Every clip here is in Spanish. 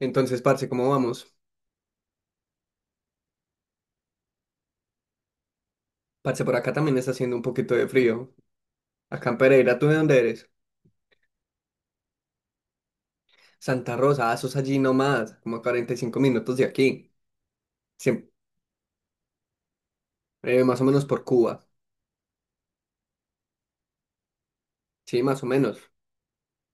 Entonces, parce, ¿cómo vamos? Parce, por acá también está haciendo un poquito de frío. Acá en Pereira, ¿tú de dónde eres? Santa Rosa, ah, sos allí nomás, como a 45 minutos de aquí. Siem- Más o menos por Cuba. Sí, más o menos.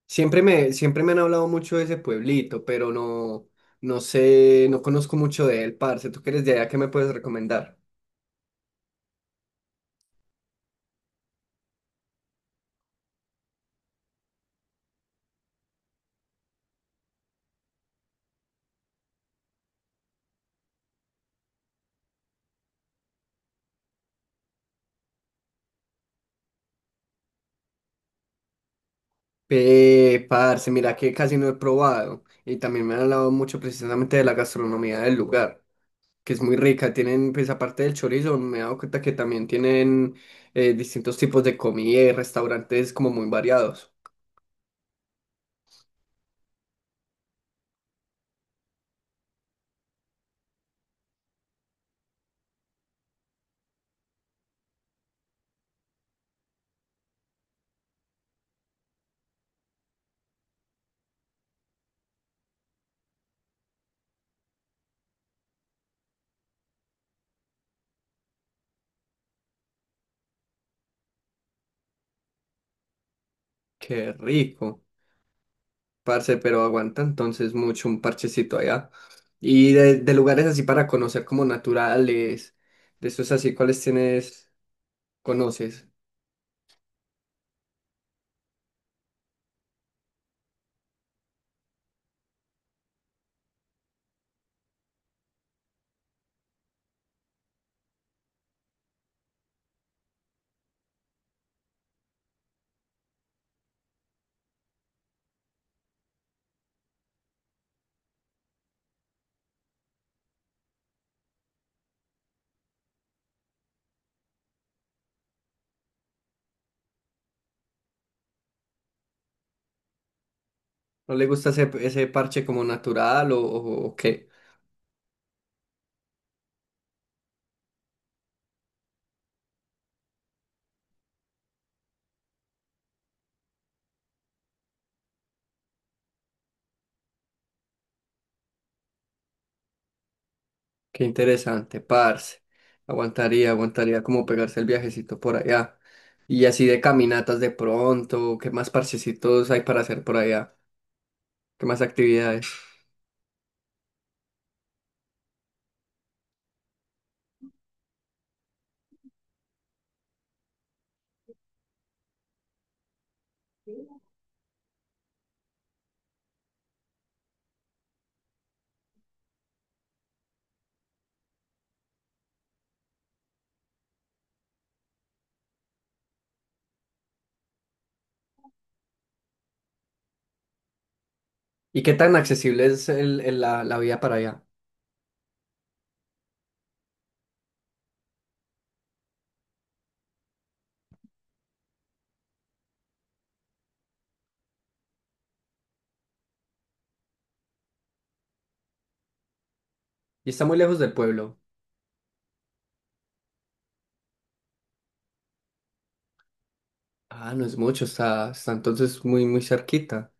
Siempre me han hablado mucho de ese pueblito, pero no, no sé, no conozco mucho de él, parce. ¿Tú que eres de allá? ¿Qué me puedes recomendar? Parce, mira que casi no he probado. Y también me han hablado mucho precisamente de la gastronomía del lugar, que es muy rica. Tienen, pues aparte del chorizo, me he dado cuenta que también tienen distintos tipos de comida y restaurantes como muy variados. Qué rico, parce, pero aguanta entonces mucho un parchecito allá. Y de lugares así para conocer como naturales, de esos así, ¿cuáles conoces? ¿No le gusta ese parche como natural o qué? Qué interesante, parce. Aguantaría como pegarse el viajecito por allá. Y así de caminatas de pronto, ¿qué más parchecitos hay para hacer por allá? ¿Qué más actividades? ¿Y qué tan accesible es la vía para allá? ¿Y está muy lejos del pueblo? Ah, no es mucho, está entonces muy cerquita.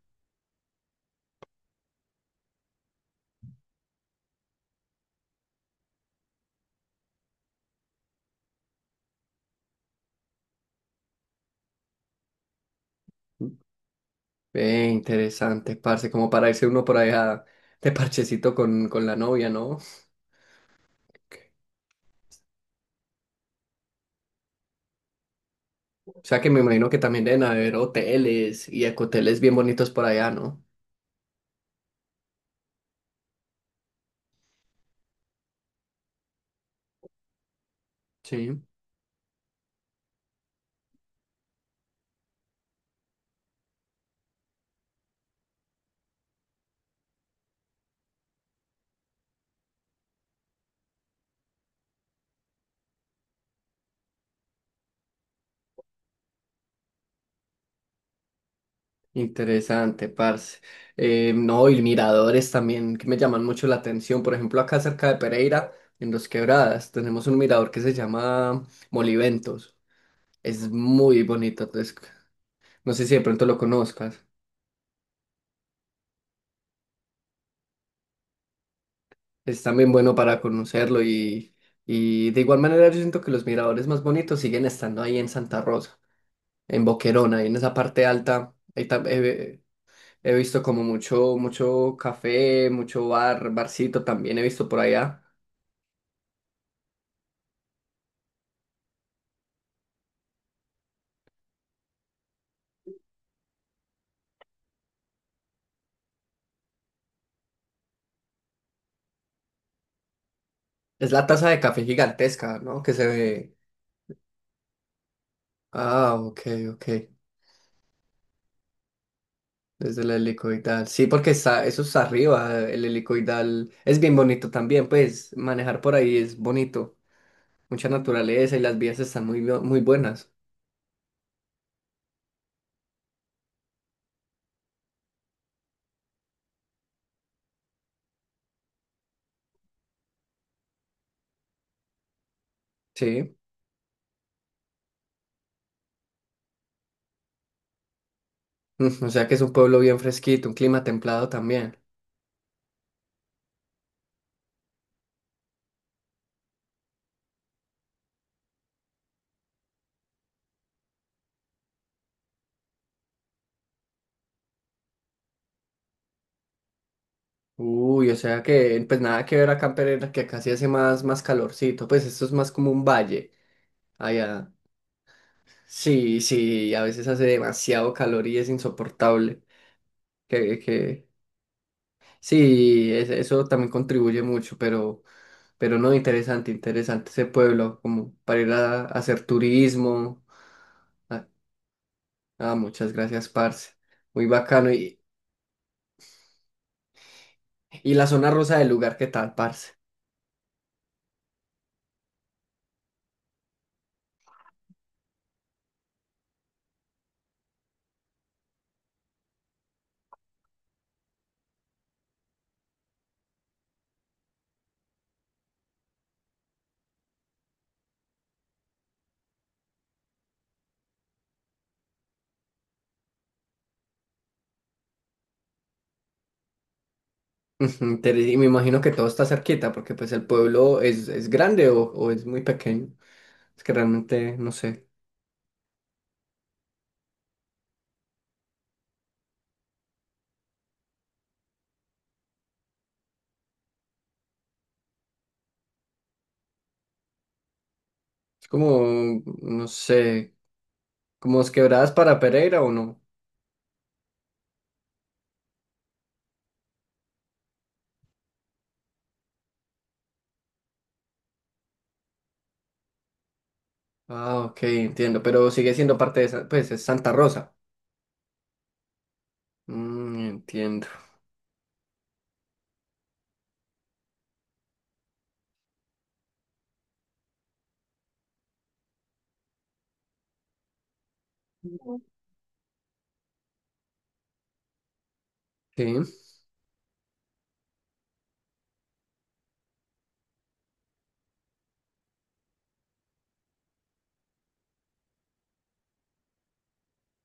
Ve, interesante, parce, como para irse uno por allá de parchecito con la novia, ¿no? O sea que me imagino que también deben haber hoteles y ecoteles bien bonitos por allá, ¿no? Sí. Interesante, parce. No, y miradores también que me llaman mucho la atención. Por ejemplo, acá cerca de Pereira, en Los Quebradas, tenemos un mirador que se llama Moliventos. Es muy bonito, entonces, no sé si de pronto lo conozcas. Es también bueno para conocerlo y de igual manera yo siento que los miradores más bonitos siguen estando ahí en Santa Rosa, en Boquerón, ahí en esa parte alta. He visto como mucho café, mucho barcito también he visto por allá. Es la taza de café gigantesca, ¿no?, que se ve. Ah, ok, ok. Desde el helicoidal. Sí, porque está, eso está arriba. El helicoidal es bien bonito también, pues manejar por ahí es bonito. Mucha naturaleza y las vías están muy buenas. Sí. Mm, o sea que es un pueblo bien fresquito, un clima templado también. Uy, o sea que, pues nada que ver acá en Pereira, que acá sí hace más calorcito. Pues esto es más como un valle. Allá. Sí, sí, a veces hace demasiado calor y es insoportable. Que... Sí, es- eso también contribuye mucho, pero no, interesante, interesante ese pueblo, como para ir a hacer turismo. Ah, ah, muchas gracias, parce. Muy bacano. Y la zona rosa del lugar, ¿qué tal, parce? Ujú, interes- Y me imagino que todo está cerquita, porque pues el pueblo es grande o es muy pequeño. Es que realmente no sé. Es como, no sé, como es quebradas para Pereira o no. Ah, ok, entiendo, pero sigue siendo parte de, Sa- pues, es Santa Rosa. Mm, entiendo. Sí,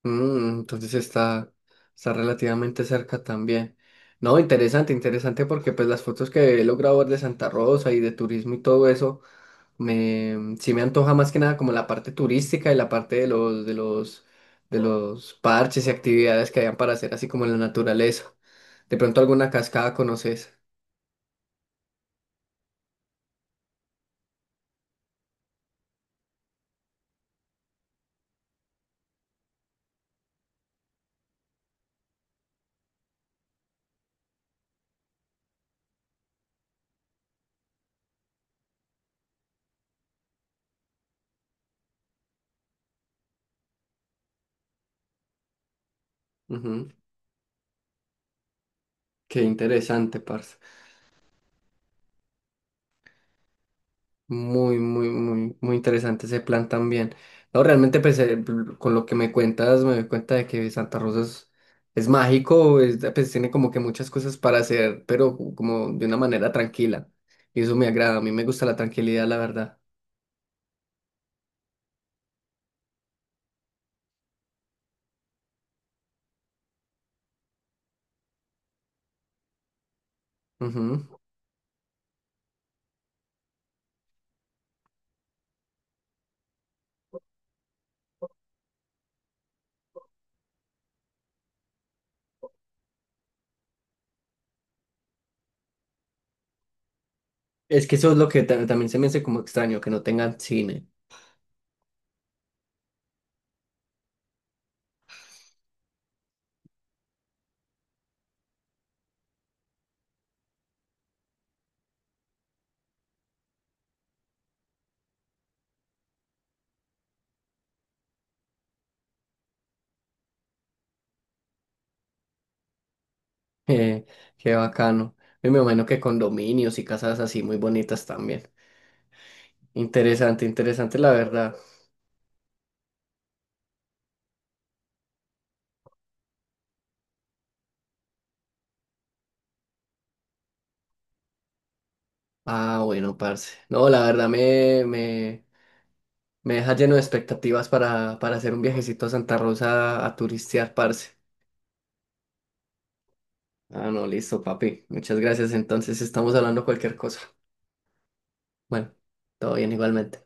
mm, entonces está relativamente cerca también. No, interesante, interesante porque pues las fotos que he logrado ver de Santa Rosa y de turismo y todo eso, me, mm, sí me antoja más que nada como la parte turística y la parte de los parches y actividades que hayan para hacer así como en la naturaleza. De pronto alguna cascada conoces. Ujú. Qué interesante, parce. Muy interesante ese plan también. No, realmente, pues, con lo que me cuentas, me doy cuenta de que Santa Rosa es mágico, es- pues tiene como que muchas cosas para hacer, pero co- como de una manera tranquila. Y eso me agrada, a mí me gusta la tranquilidad, la verdad. Ujú. Es que eso es lo que ta- también se me hace como extraño, que no tengan cine. Eh, Qué bacano. Y me imagino que condominios y casas así muy bonitas también. Interesante, interesante, la verdad. Ah, bueno, parce. No, la verdad me deja lleno de expectativas para hacer un viajecito a Santa Rosa a turistear, parce. Ah, no, listo, papi. Muchas gracias. Entonces estamos hablando cualquier cosa. Bueno, todo bien igualmente.